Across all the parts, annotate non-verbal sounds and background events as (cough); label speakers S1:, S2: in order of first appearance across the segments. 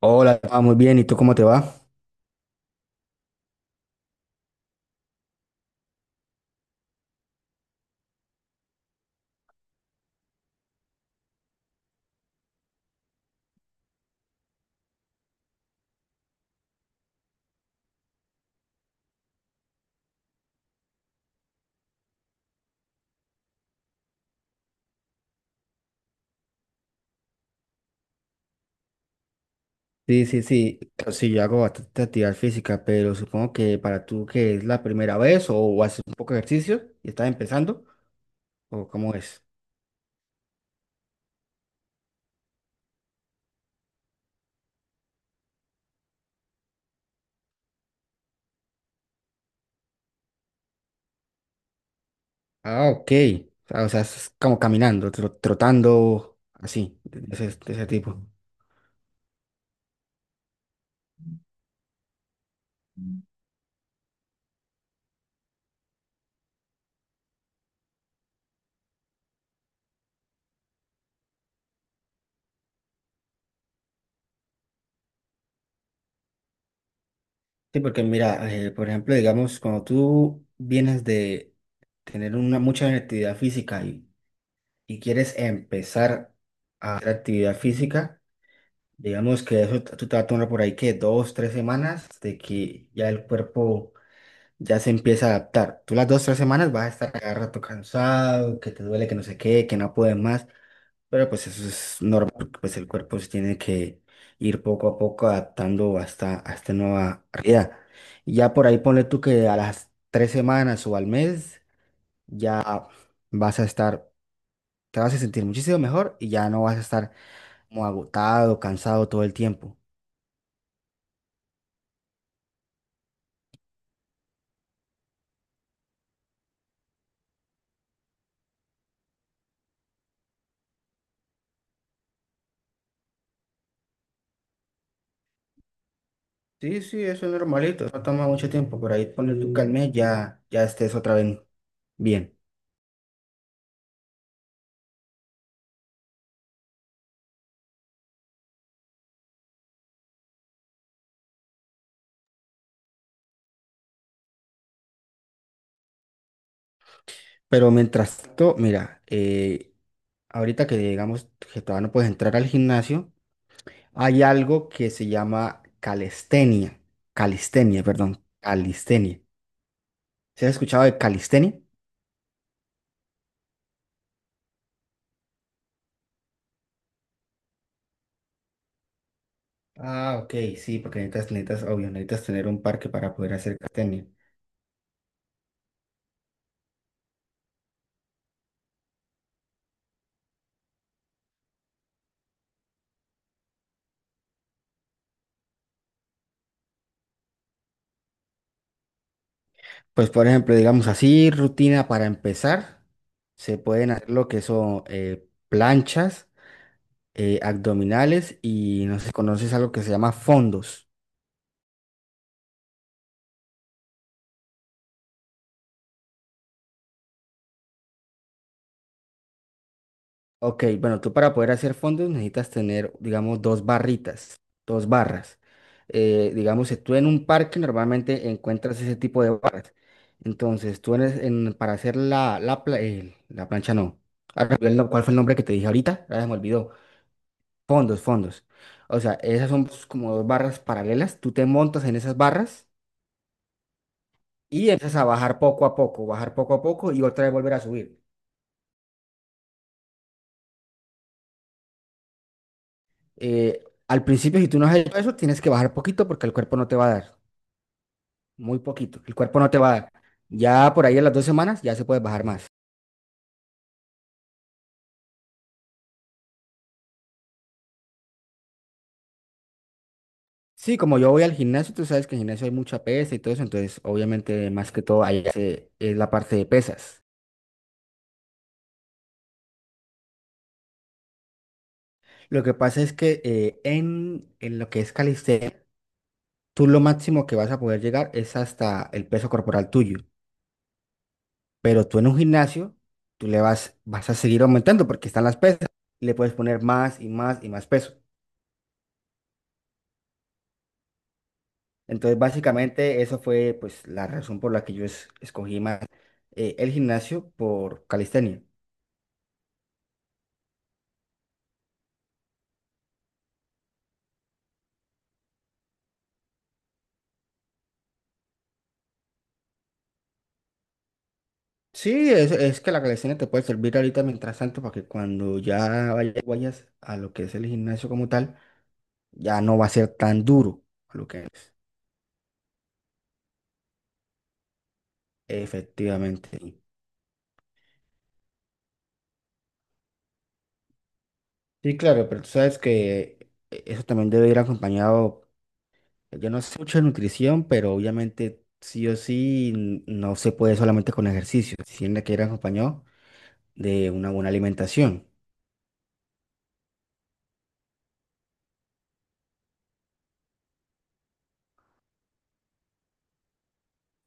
S1: Hola, muy bien. ¿Y tú cómo te va? Sí, sí, sí. Pues sí, yo hago bastante actividad física, pero supongo que para tú que es la primera vez o, haces un poco de ejercicio y estás empezando, ¿o cómo es? Ah, ok. Ah, o sea, es como caminando, trotando, así, de ese tipo. Sí, porque mira, por ejemplo, digamos, cuando tú vienes de tener una mucha actividad física y quieres empezar a hacer actividad física. Digamos que eso tú te vas a tomar por ahí que dos, tres semanas de que ya el cuerpo ya se empieza a adaptar. Tú las dos, tres semanas vas a estar cada rato cansado, que te duele, que no sé qué, que no puedes más. Pero pues eso es normal, porque, pues el cuerpo se tiene que ir poco a poco adaptando hasta a esta nueva realidad. Y ya por ahí ponle tú que a las tres semanas o al mes ya vas a estar, te vas a sentir muchísimo mejor y ya no vas a estar como agotado, cansado todo el tiempo. Sí, sí, eso es normalito, no toma mucho tiempo, por ahí ponle tú que al mes ya, ya estés otra vez bien. Pero mientras tanto, mira, ahorita que digamos que todavía no puedes entrar al gimnasio, hay algo que se llama calistenia, calistenia, perdón, calistenia. ¿Se has escuchado de calistenia? Ah, ok, sí, porque necesitas, obvio, necesitas tener un parque para poder hacer calistenia. Pues, por ejemplo, digamos así, rutina para empezar, se pueden hacer lo que son planchas, abdominales y no sé si conoces algo que se llama fondos. Ok, bueno, tú para poder hacer fondos necesitas tener, digamos, dos barritas, dos barras. Digamos, si tú en un parque normalmente encuentras ese tipo de barras. Entonces, tú eres para hacer la la plancha, no. Ahora me olvidé el ¿Cuál fue el nombre que te dije ahorita? Ahora se me olvidó. Fondos, fondos. O sea, esas son pues, como dos barras paralelas. Tú te montas en esas barras y empiezas a bajar poco a poco, bajar poco a poco y otra vez volver a subir. Eh, al principio, si tú no has hecho eso, tienes que bajar poquito porque el cuerpo no te va a dar. Muy poquito. El cuerpo no te va a dar. Ya por ahí a las dos semanas ya se puede bajar más. Sí, como yo voy al gimnasio, tú sabes que en el gimnasio hay mucha pesa y todo eso, entonces obviamente más que todo ahí es la parte de pesas. Lo que pasa es que en lo que es calistenia, tú lo máximo que vas a poder llegar es hasta el peso corporal tuyo, pero tú en un gimnasio, tú vas a seguir aumentando porque están las pesas, le puedes poner más y más y más peso. Entonces, básicamente, eso fue pues la razón por la que yo escogí más el gimnasio por calistenia. Sí, es que la calistenia te puede servir ahorita mientras tanto para que cuando ya vayas a lo que es el gimnasio como tal, ya no va a ser tan duro a lo que es. Efectivamente. Sí. Sí, claro, pero tú sabes que eso también debe ir acompañado, yo no sé mucho de nutrición, pero obviamente sí o sí no se puede solamente con ejercicio, si tiene que ir acompañado de una buena alimentación.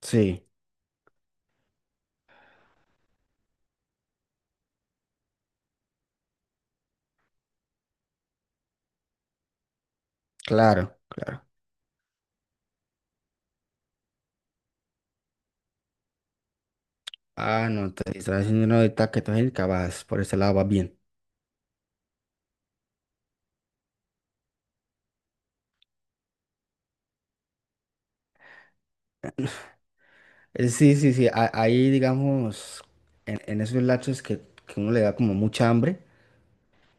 S1: Sí, claro, claro. Ah, no, te estás haciendo una dieta que vas por ese lado vas bien. Sí, sí, sí, ahí digamos, en esos lapsos que uno le da como mucha hambre,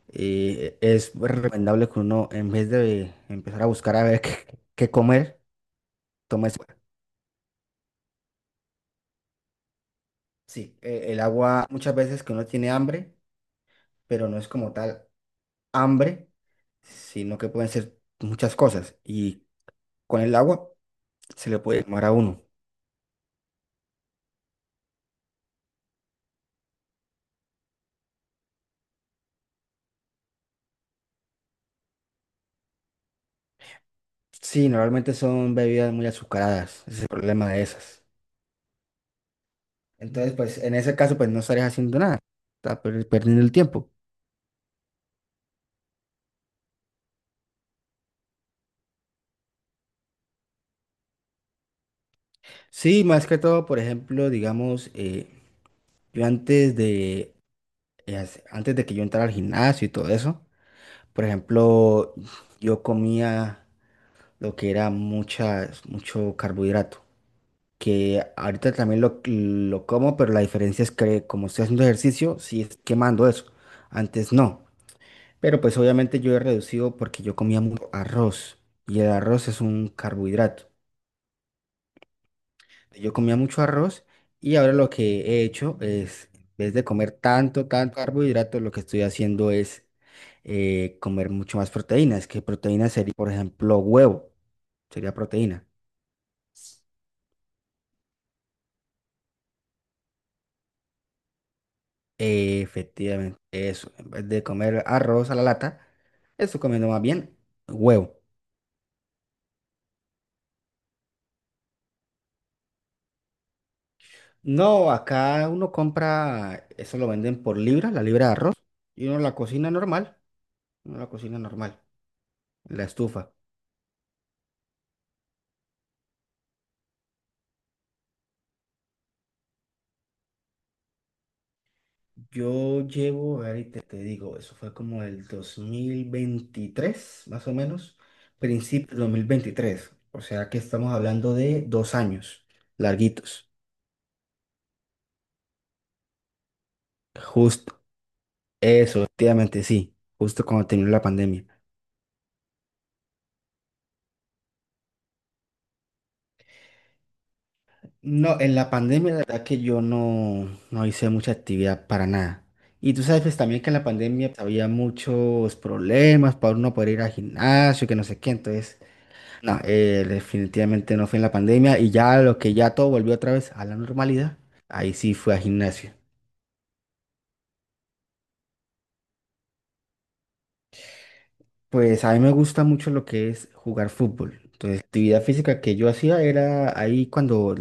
S1: es recomendable que uno en vez de empezar a buscar a ver (laughs) qué, qué comer, tome Sí, el agua muchas veces que uno tiene hambre, pero no es como tal hambre, sino que pueden ser muchas cosas y con el agua se le puede tomar a uno. Sí, normalmente son bebidas muy azucaradas, ese es el problema de esas. Entonces, pues en ese caso, pues no estarías haciendo nada, estás perdiendo el tiempo. Sí, más que todo, por ejemplo, digamos, yo antes de, antes de que yo entrara al gimnasio y todo eso, por ejemplo, yo comía lo que era mucho carbohidrato, que ahorita también lo como, pero la diferencia es que como estoy haciendo ejercicio, sí es quemando eso, antes no. Pero pues obviamente yo he reducido porque yo comía mucho arroz y el arroz es un carbohidrato. Yo comía mucho arroz y ahora lo que he hecho es, en vez de comer tanto, tanto carbohidrato, lo que estoy haciendo es comer mucho más proteínas, que proteína sería, por ejemplo, huevo, sería proteína. Efectivamente, eso, en vez de comer arroz a la lata, estoy comiendo más bien huevo. No, acá uno compra, eso lo venden por libra, la libra de arroz, y uno la cocina normal, en la estufa. Yo llevo, a ver, y te digo, eso fue como el 2023, más o menos, principio 2023, o sea que estamos hablando de 2 años larguitos, justo, eso, efectivamente, sí, justo cuando terminó la pandemia. No, en la pandemia la verdad que yo no, no hice mucha actividad para nada. Y tú sabes pues también que en la pandemia pues, había muchos problemas para uno poder ir al gimnasio, que no sé qué. Entonces, no, definitivamente no fue en la pandemia y ya lo que ya todo volvió otra vez a la normalidad, ahí sí fue al gimnasio. Pues a mí me gusta mucho lo que es jugar fútbol. Entonces, actividad física que yo hacía era ahí cuando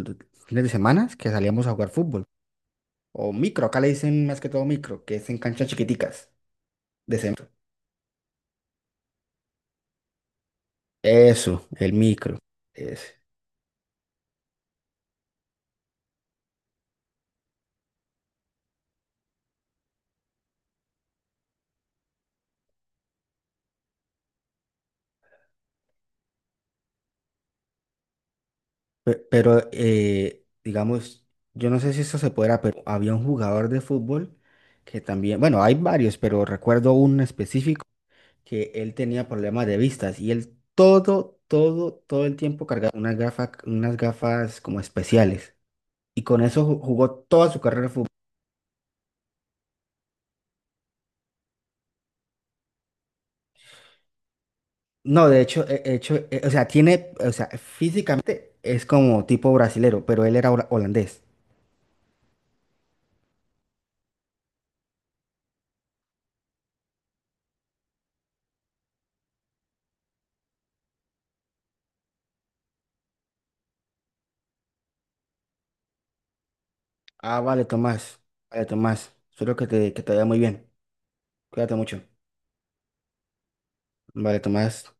S1: fines de semana que salíamos a jugar fútbol. O micro, acá le dicen más que todo micro, que es en canchas chiquiticas de cemento. Eso, el micro, ese. Pero, digamos, yo no sé si esto se podrá, pero había un jugador de fútbol que también, bueno, hay varios, pero recuerdo un específico que él tenía problemas de vistas y él todo el tiempo cargaba unas gafas como especiales. Y con eso jugó toda su carrera de fútbol. No, de hecho, o sea, tiene, o sea, físicamente es como tipo brasilero, pero él era holandés. Ah, vale, Tomás. Vale, Tomás. Espero que te vaya muy bien. Cuídate mucho. Vale, Tomás.